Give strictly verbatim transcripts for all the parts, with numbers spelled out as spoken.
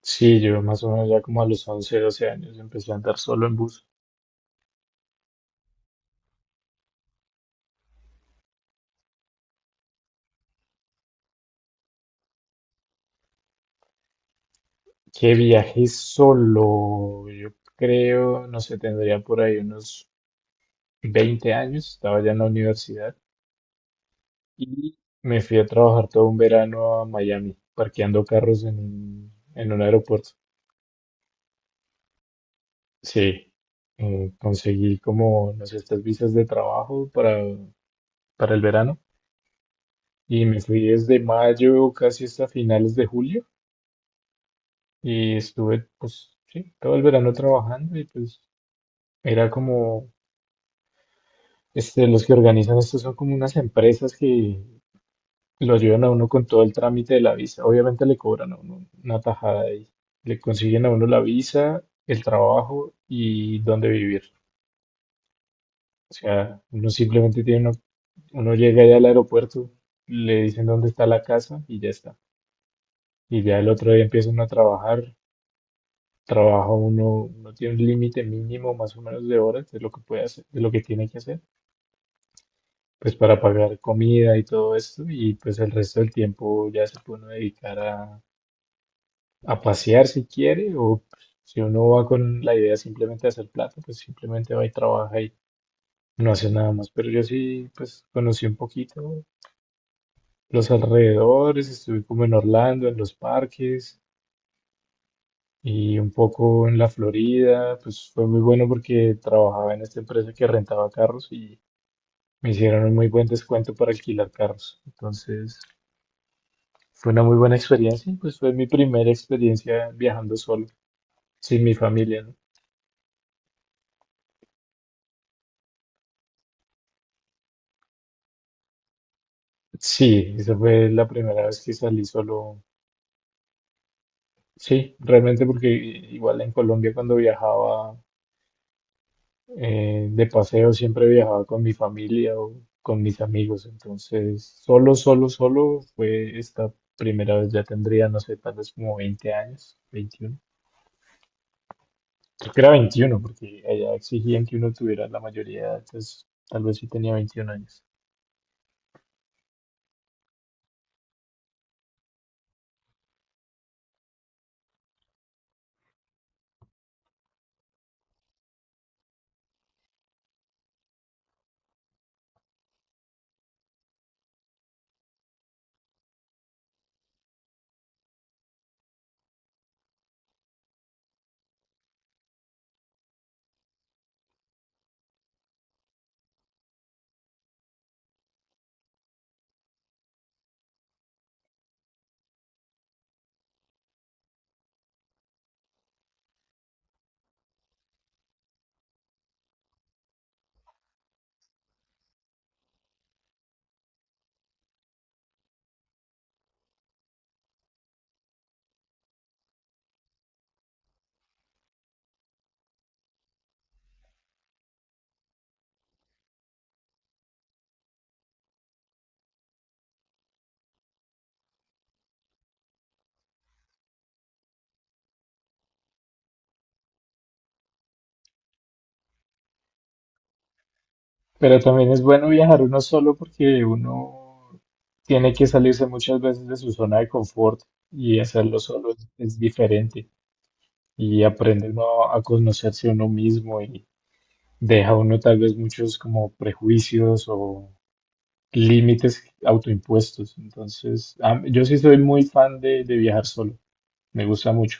Sí, yo más o menos ya como a los once, doce años empecé a andar solo en bus. Que viajé solo, yo creo, no sé, tendría por ahí unos veinte años, estaba ya en la universidad y me fui a trabajar todo un verano a Miami, parqueando carros en un, en un aeropuerto. Sí, eh, conseguí como, no sé, estas visas de trabajo para, para el verano y me fui desde mayo casi hasta finales de julio. Y estuve, pues, sí, todo el verano trabajando y pues era como, este, los que organizan esto son como unas empresas que lo ayudan a uno con todo el trámite de la visa. Obviamente le cobran a uno una tajada y le consiguen a uno la visa, el trabajo y dónde vivir. O sea, uno simplemente tiene, uno, uno llega allá al aeropuerto, le dicen dónde está la casa y ya está. Y ya el otro día empieza uno a trabajar trabajo uno, uno tiene un límite mínimo más o menos de horas de lo que puede hacer, de lo que tiene que hacer, pues para pagar comida y todo esto, y pues el resto del tiempo ya se puede uno dedicar a, a pasear si quiere, o pues, si uno va con la idea simplemente de hacer plata, pues simplemente va y trabaja y no hace nada más. Pero yo sí, pues conocí un poquito los alrededores, estuve como en Orlando, en los parques, y un poco en la Florida, pues fue muy bueno porque trabajaba en esta empresa que rentaba carros y me hicieron un muy buen descuento para alquilar carros. Entonces fue una muy buena experiencia y pues fue mi primera experiencia viajando solo, sin mi familia, ¿no? Sí, esa fue la primera vez que salí solo. Sí, realmente porque igual en Colombia cuando viajaba eh, de paseo siempre viajaba con mi familia o con mis amigos, entonces solo, solo, solo fue esta primera vez, ya tendría, no sé, tal vez como veinte años, veintiuno. Creo que era veintiuno porque allá exigían que uno tuviera la mayoría de edad, entonces tal vez sí tenía veintiún años. Pero también es bueno viajar uno solo porque uno tiene que salirse muchas veces de su zona de confort y hacerlo solo es, es diferente y aprende uno a conocerse uno mismo y deja uno tal vez muchos como prejuicios o límites autoimpuestos. Entonces, a- yo sí soy muy fan de, de viajar solo, me gusta mucho.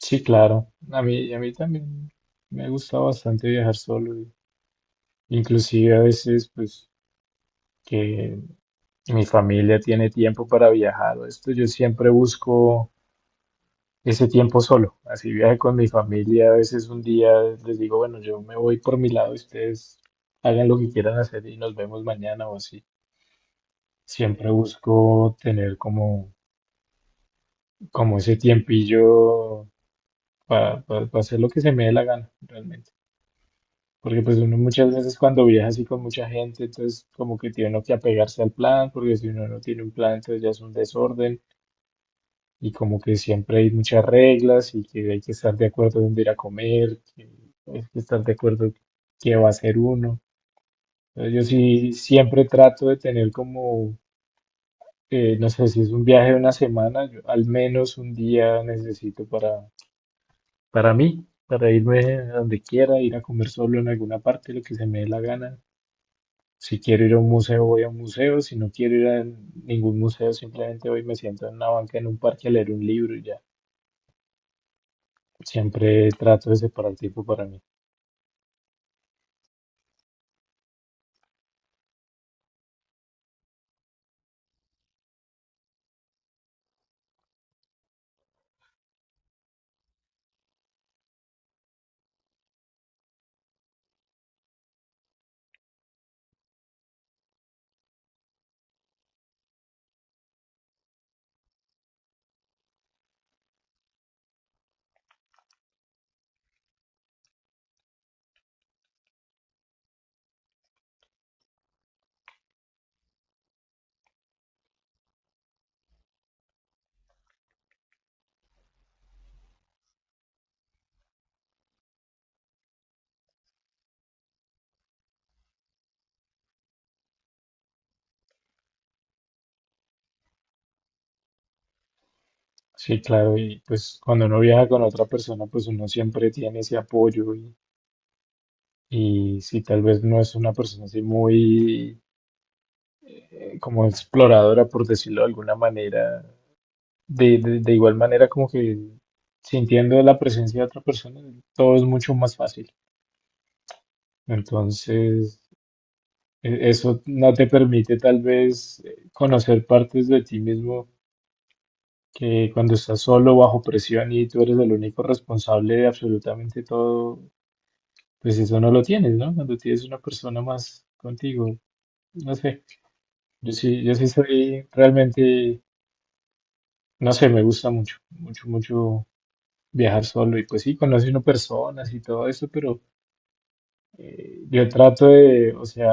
Sí, claro, a mí, a mí también me gusta bastante viajar solo, y inclusive a veces pues que mi familia tiene tiempo para viajar o esto, yo siempre busco ese tiempo solo, así viaje con mi familia, a veces un día les digo, bueno, yo me voy por mi lado, ustedes hagan lo que quieran hacer y nos vemos mañana o así. Siempre busco tener como, como ese tiempillo para hacer lo que se me dé la gana, realmente. Porque pues uno muchas veces cuando viaja así con mucha gente, entonces como que tiene uno que apegarse al plan, porque si uno no tiene un plan, entonces ya es un desorden. Y como que siempre hay muchas reglas y que hay que estar de acuerdo dónde ir a comer, que hay que estar de acuerdo qué va a hacer uno. Entonces yo sí siempre trato de tener como eh, no sé, si es un viaje de una semana, yo al menos un día necesito para, para mí, para irme a donde quiera, ir a comer solo en alguna parte, lo que se me dé la gana. Si quiero ir a un museo, voy a un museo. Si no quiero ir a ningún museo, simplemente voy y me siento en una banca en un parque a leer un libro y ya. Siempre trato de separar tiempo para mí. Sí, claro, y pues cuando uno viaja con otra persona, pues uno siempre tiene ese apoyo y, y si tal vez no es una persona así muy eh, como exploradora, por decirlo de alguna manera, de, de- de igual manera como que sintiendo la presencia de otra persona, todo es mucho más fácil. Entonces, e- eso no te permite tal vez eh, conocer partes de ti mismo que cuando estás solo bajo presión y tú eres el único responsable de absolutamente todo, pues eso no lo tienes, ¿no? Cuando tienes una persona más contigo, no sé. Yo sí, yo sí soy realmente, no sé, me gusta mucho, mucho, mucho viajar solo y pues sí, conoce uno personas y todo eso, pero eh, yo trato de, o sea,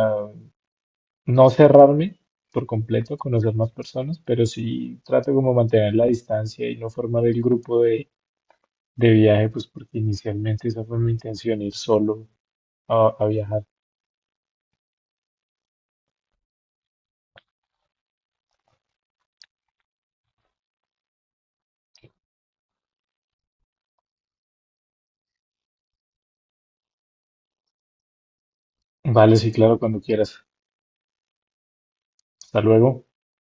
no cerrarme por completo a conocer más personas, pero sí trato como mantener la distancia y no formar el grupo de, de viaje, pues porque inicialmente esa fue mi intención, ir solo a, a viajar. Vale, sí, claro, cuando quieras. Hasta luego.